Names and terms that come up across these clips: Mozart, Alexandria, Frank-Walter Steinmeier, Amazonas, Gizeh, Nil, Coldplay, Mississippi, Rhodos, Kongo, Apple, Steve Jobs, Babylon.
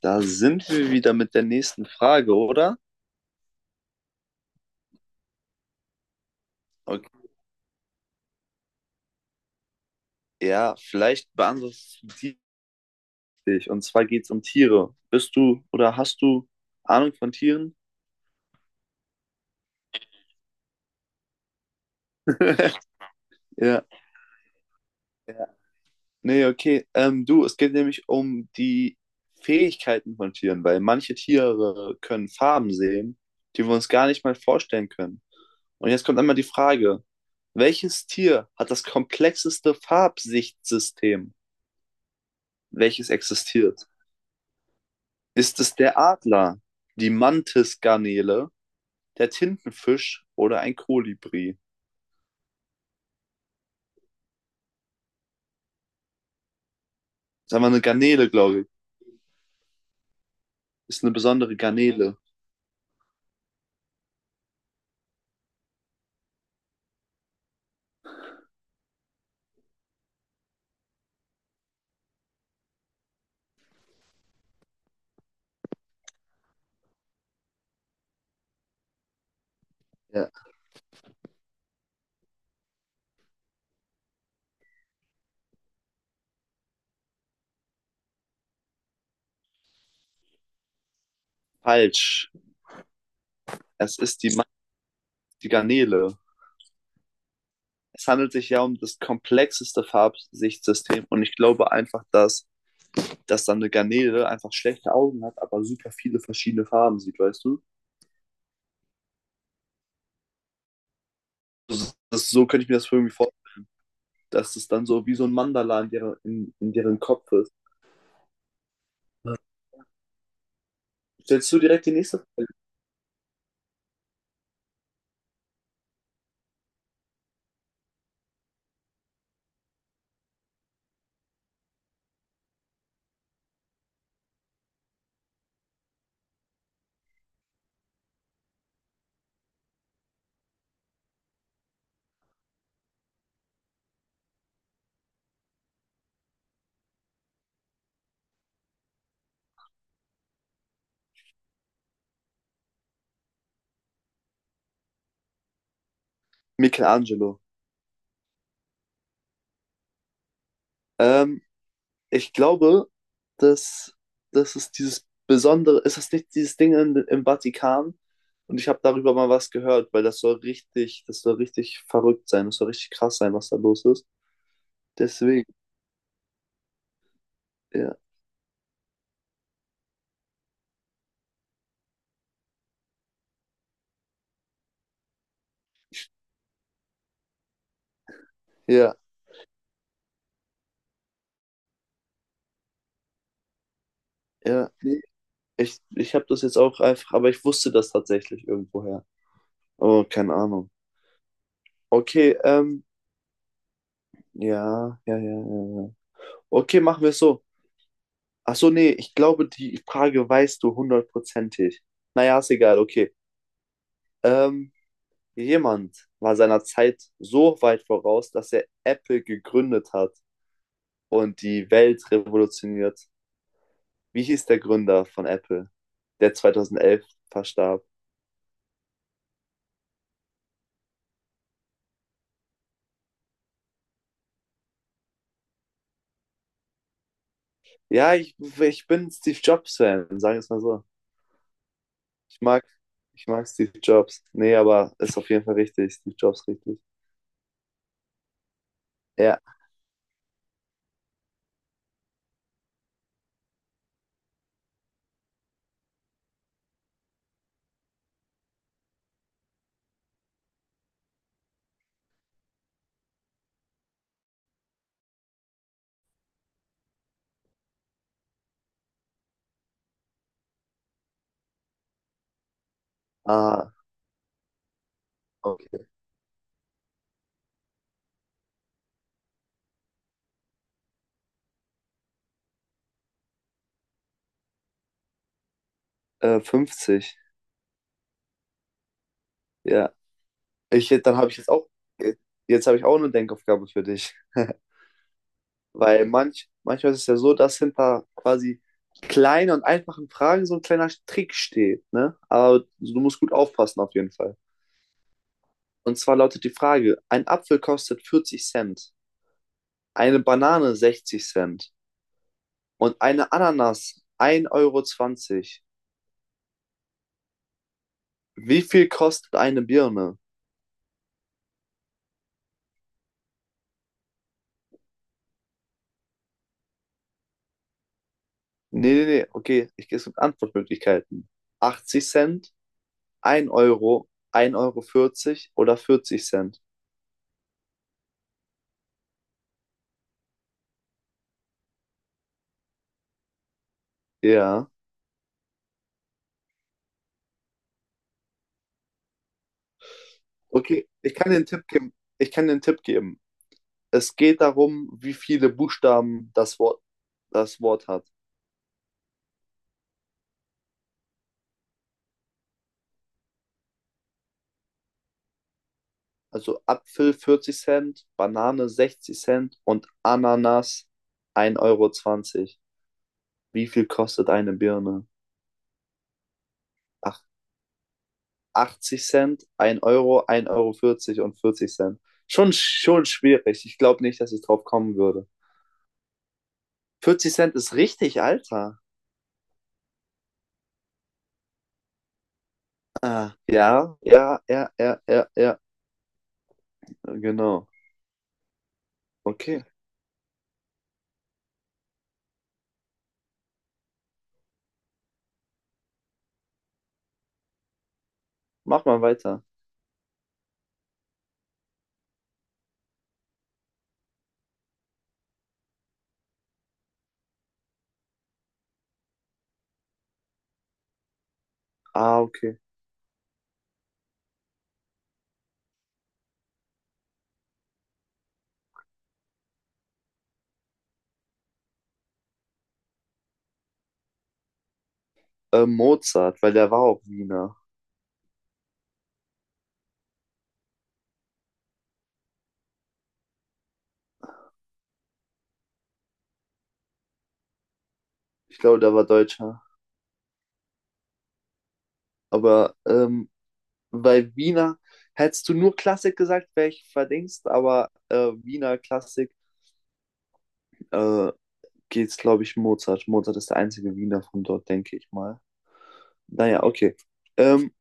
Da sind wir wieder mit der nächsten Frage, oder? Okay. Ja, vielleicht beantwortest du die dich. Und zwar geht es um Tiere. Bist du oder hast du Ahnung von Tieren? Ja. Ja. Nee, okay. Du, es geht nämlich um die Fähigkeiten von Tieren, weil manche Tiere können Farben sehen, die wir uns gar nicht mal vorstellen können. Und jetzt kommt einmal die Frage, welches Tier hat das komplexeste Farbsichtsystem, welches existiert? Ist es der Adler, die Mantisgarnele, der Tintenfisch oder ein Kolibri? Sagen wir eine Garnele, glaube ich. Ist eine besondere Garnele. Ja. Falsch. Es ist die Garnele. Es handelt sich ja um das komplexeste Farbsichtsystem und ich glaube einfach, dass dann eine Garnele einfach schlechte Augen hat, aber super viele verschiedene Farben sieht, weißt du? Das, so könnte ich mir das irgendwie vorstellen, dass es dann so wie so ein Mandala in deren Kopf ist. Stellst du direkt die nächste Frage? Michelangelo. Ähm, ich glaube, dass, dass es dieses Besondere ist, das nicht dieses Ding im Vatikan? Und ich habe darüber mal was gehört, weil das soll richtig verrückt sein, das soll richtig krass sein, was da los ist. Deswegen, ja, ja, ja. Nee, ich habe das jetzt auch einfach, aber ich wusste das tatsächlich irgendwoher. Oh, keine Ahnung. Okay, ja, ja, ja, ja, ja. Okay, machen wir es so. Ach so, nee, ich glaube, die Frage weißt du hundertprozentig. Naja, ist egal, okay. Ähm, Jemand war seiner Zeit so weit voraus, dass er Apple gegründet hat und die Welt revolutioniert. Wie hieß der Gründer von Apple, der 2011 verstarb? Ja, ich bin Steve Jobs-Fan, sagen wir es mal so. Ich mag, ich mag Steve Jobs. Nee, aber ist auf jeden Fall richtig. Steve Jobs richtig. Ja, ah, okay. 50. Ja. Ich, dann habe ich jetzt auch, jetzt habe ich auch eine Denkaufgabe für dich. Weil manchmal ist es ja so, dass hinter quasi kleinen und einfachen Fragen so ein kleiner Trick steht, ne? Aber du musst gut aufpassen auf jeden Fall. Und zwar lautet die Frage, ein Apfel kostet 40 Cent, eine Banane 60 Cent und eine Ananas 1,20 Euro zwanzig. Wie viel kostet eine Birne? Nee, nee, nee, okay, ich gehe es mit Antwortmöglichkeiten. 80 Cent, 1 Euro, 1,40 Euro vierzig oder 40 Cent. Ja. Okay, ich kann dir einen Tipp geben. Ich kann dir einen Tipp geben. Es geht darum, wie viele Buchstaben das Wort hat. Also Apfel 40 Cent, Banane 60 Cent und Ananas 1,20 Euro. Wie viel kostet eine Birne? Ach, 80 Cent, 1 Euro, 1,40 Euro und 40 Cent. Schon schwierig. Ich glaube nicht, dass ich drauf kommen würde. 40 Cent ist richtig, Alter. Ah, ja, ja, ja, ja, ja, ja, genau. Okay. Mach mal weiter. Ah, okay. Mozart, weil der war auch Wiener. Ich glaube, der war Deutscher. Aber bei Wiener hättest du nur Klassik gesagt, wäre ich verdingst, aber Wiener Klassik äh, geht's, glaube ich, Mozart. Mozart ist der einzige Wiener von dort, denke ich mal. Naja, okay. Ähm,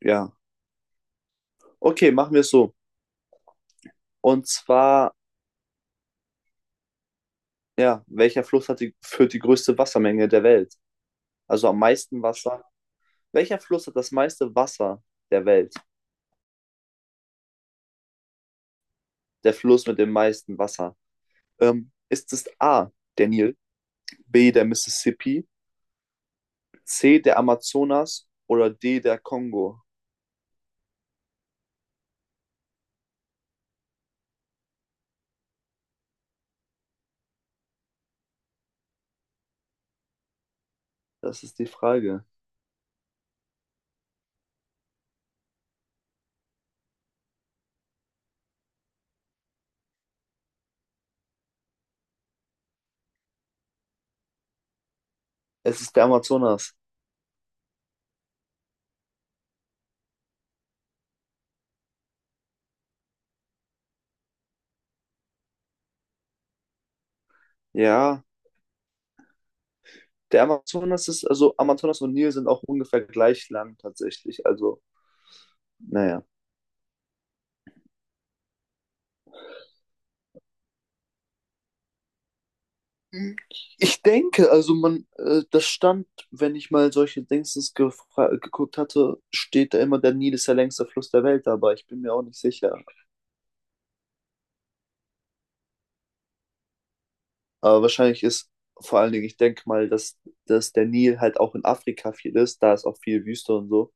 ja. Okay, machen wir es so. Und zwar, ja, welcher Fluss führt die größte Wassermenge der Welt? Also am meisten Wasser. Welcher Fluss hat das meiste Wasser der Welt? Der Fluss mit dem meisten Wasser? Ist es A, der Nil, B, der Mississippi, C, der Amazonas oder D, der Kongo? Das ist die Frage. Es ist der Amazonas. Ja, der Amazonas ist, also Amazonas und Nil sind auch ungefähr gleich lang tatsächlich. Also, naja. Ich denke, also man, das stand, wenn ich mal solche Dingsens geguckt hatte, steht da immer, der Nil ist der längste Fluss der Welt, aber ich bin mir auch nicht sicher. Aber wahrscheinlich ist vor allen Dingen, ich denke mal, dass der Nil halt auch in Afrika viel ist. Da ist auch viel Wüste und so.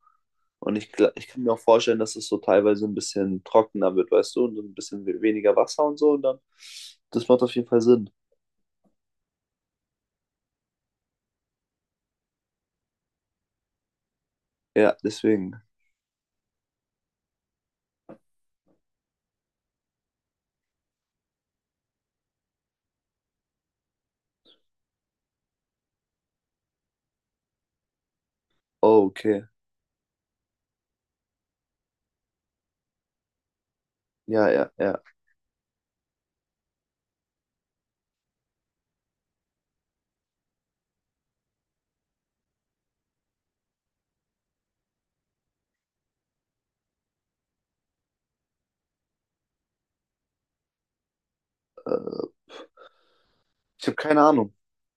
Und ich kann mir auch vorstellen, dass es so teilweise ein bisschen trockener wird, weißt du, und so ein bisschen weniger Wasser und so. Und dann, das macht auf jeden Fall Sinn. Ja, deswegen. Oh, okay. Ja, ja, ja. Äh, ich habe keine Ahnung.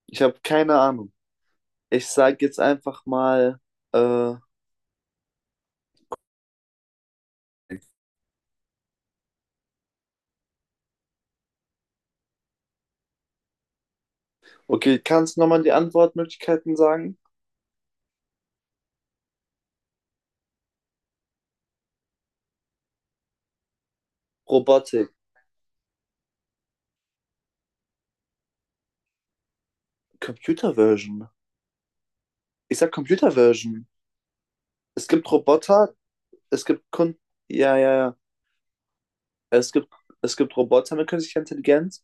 Ich habe keine Ahnung. Ich sage jetzt einfach mal, äh, okay, kannst du nochmal die Antwortmöglichkeiten sagen? Robotik, Computer Version. Ich sag Computer Version. Es gibt Roboter, es gibt Kun ja, ja, ja. Es gibt, es gibt Roboter mit künstlicher Intelligenz,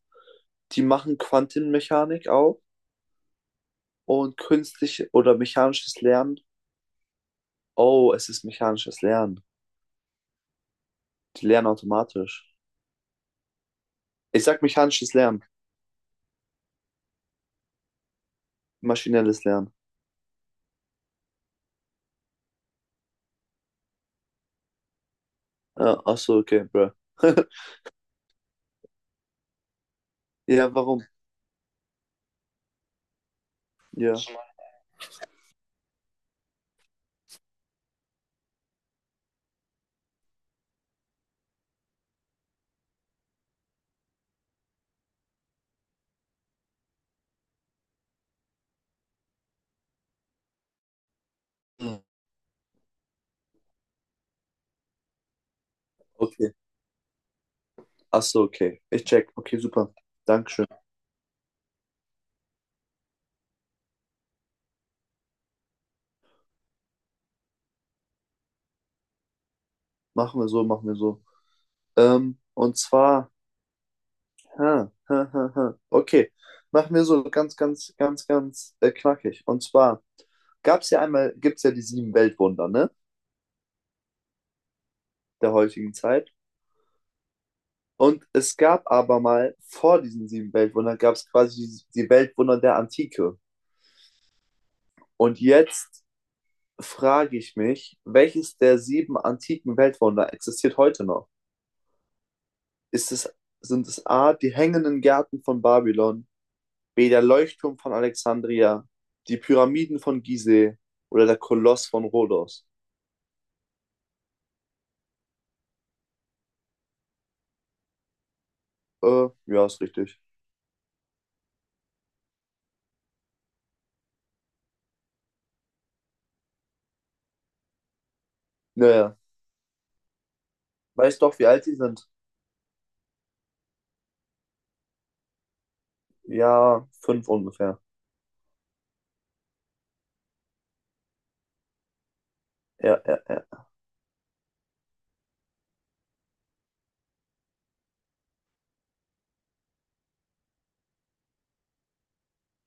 die machen Quantenmechanik auch und künstlich oder mechanisches Lernen. Oh, es ist mechanisches Lernen. Die lernen automatisch. Ich sag mechanisches Lernen, maschinelles Lernen. Ja, ach so, okay, bro. Ja, warum? Ja. Okay. Ach so, okay. Ich check. Okay, super. Dankeschön. Machen wir so, machen wir so. Und zwar Ha, ha, ha, ha. Okay, machen wir so ganz, ganz, ganz, ganz knackig. Und zwar gab es ja einmal, gibt es ja die sieben Weltwunder, ne, der heutigen Zeit. Und es gab aber mal vor diesen sieben Weltwundern, gab es quasi die Weltwunder der Antike. Und jetzt frage ich mich, welches der sieben antiken Weltwunder existiert heute noch? Ist es, sind es A, die hängenden Gärten von Babylon? Wie der Leuchtturm von Alexandria, die Pyramiden von Gizeh oder der Koloss von Rhodos. Ja, ist richtig. Naja, weißt doch, wie alt die sind? Ja, fünf ungefähr. Ja, ja, ja.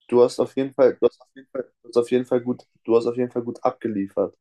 Du hast auf jeden Fall gut abgeliefert.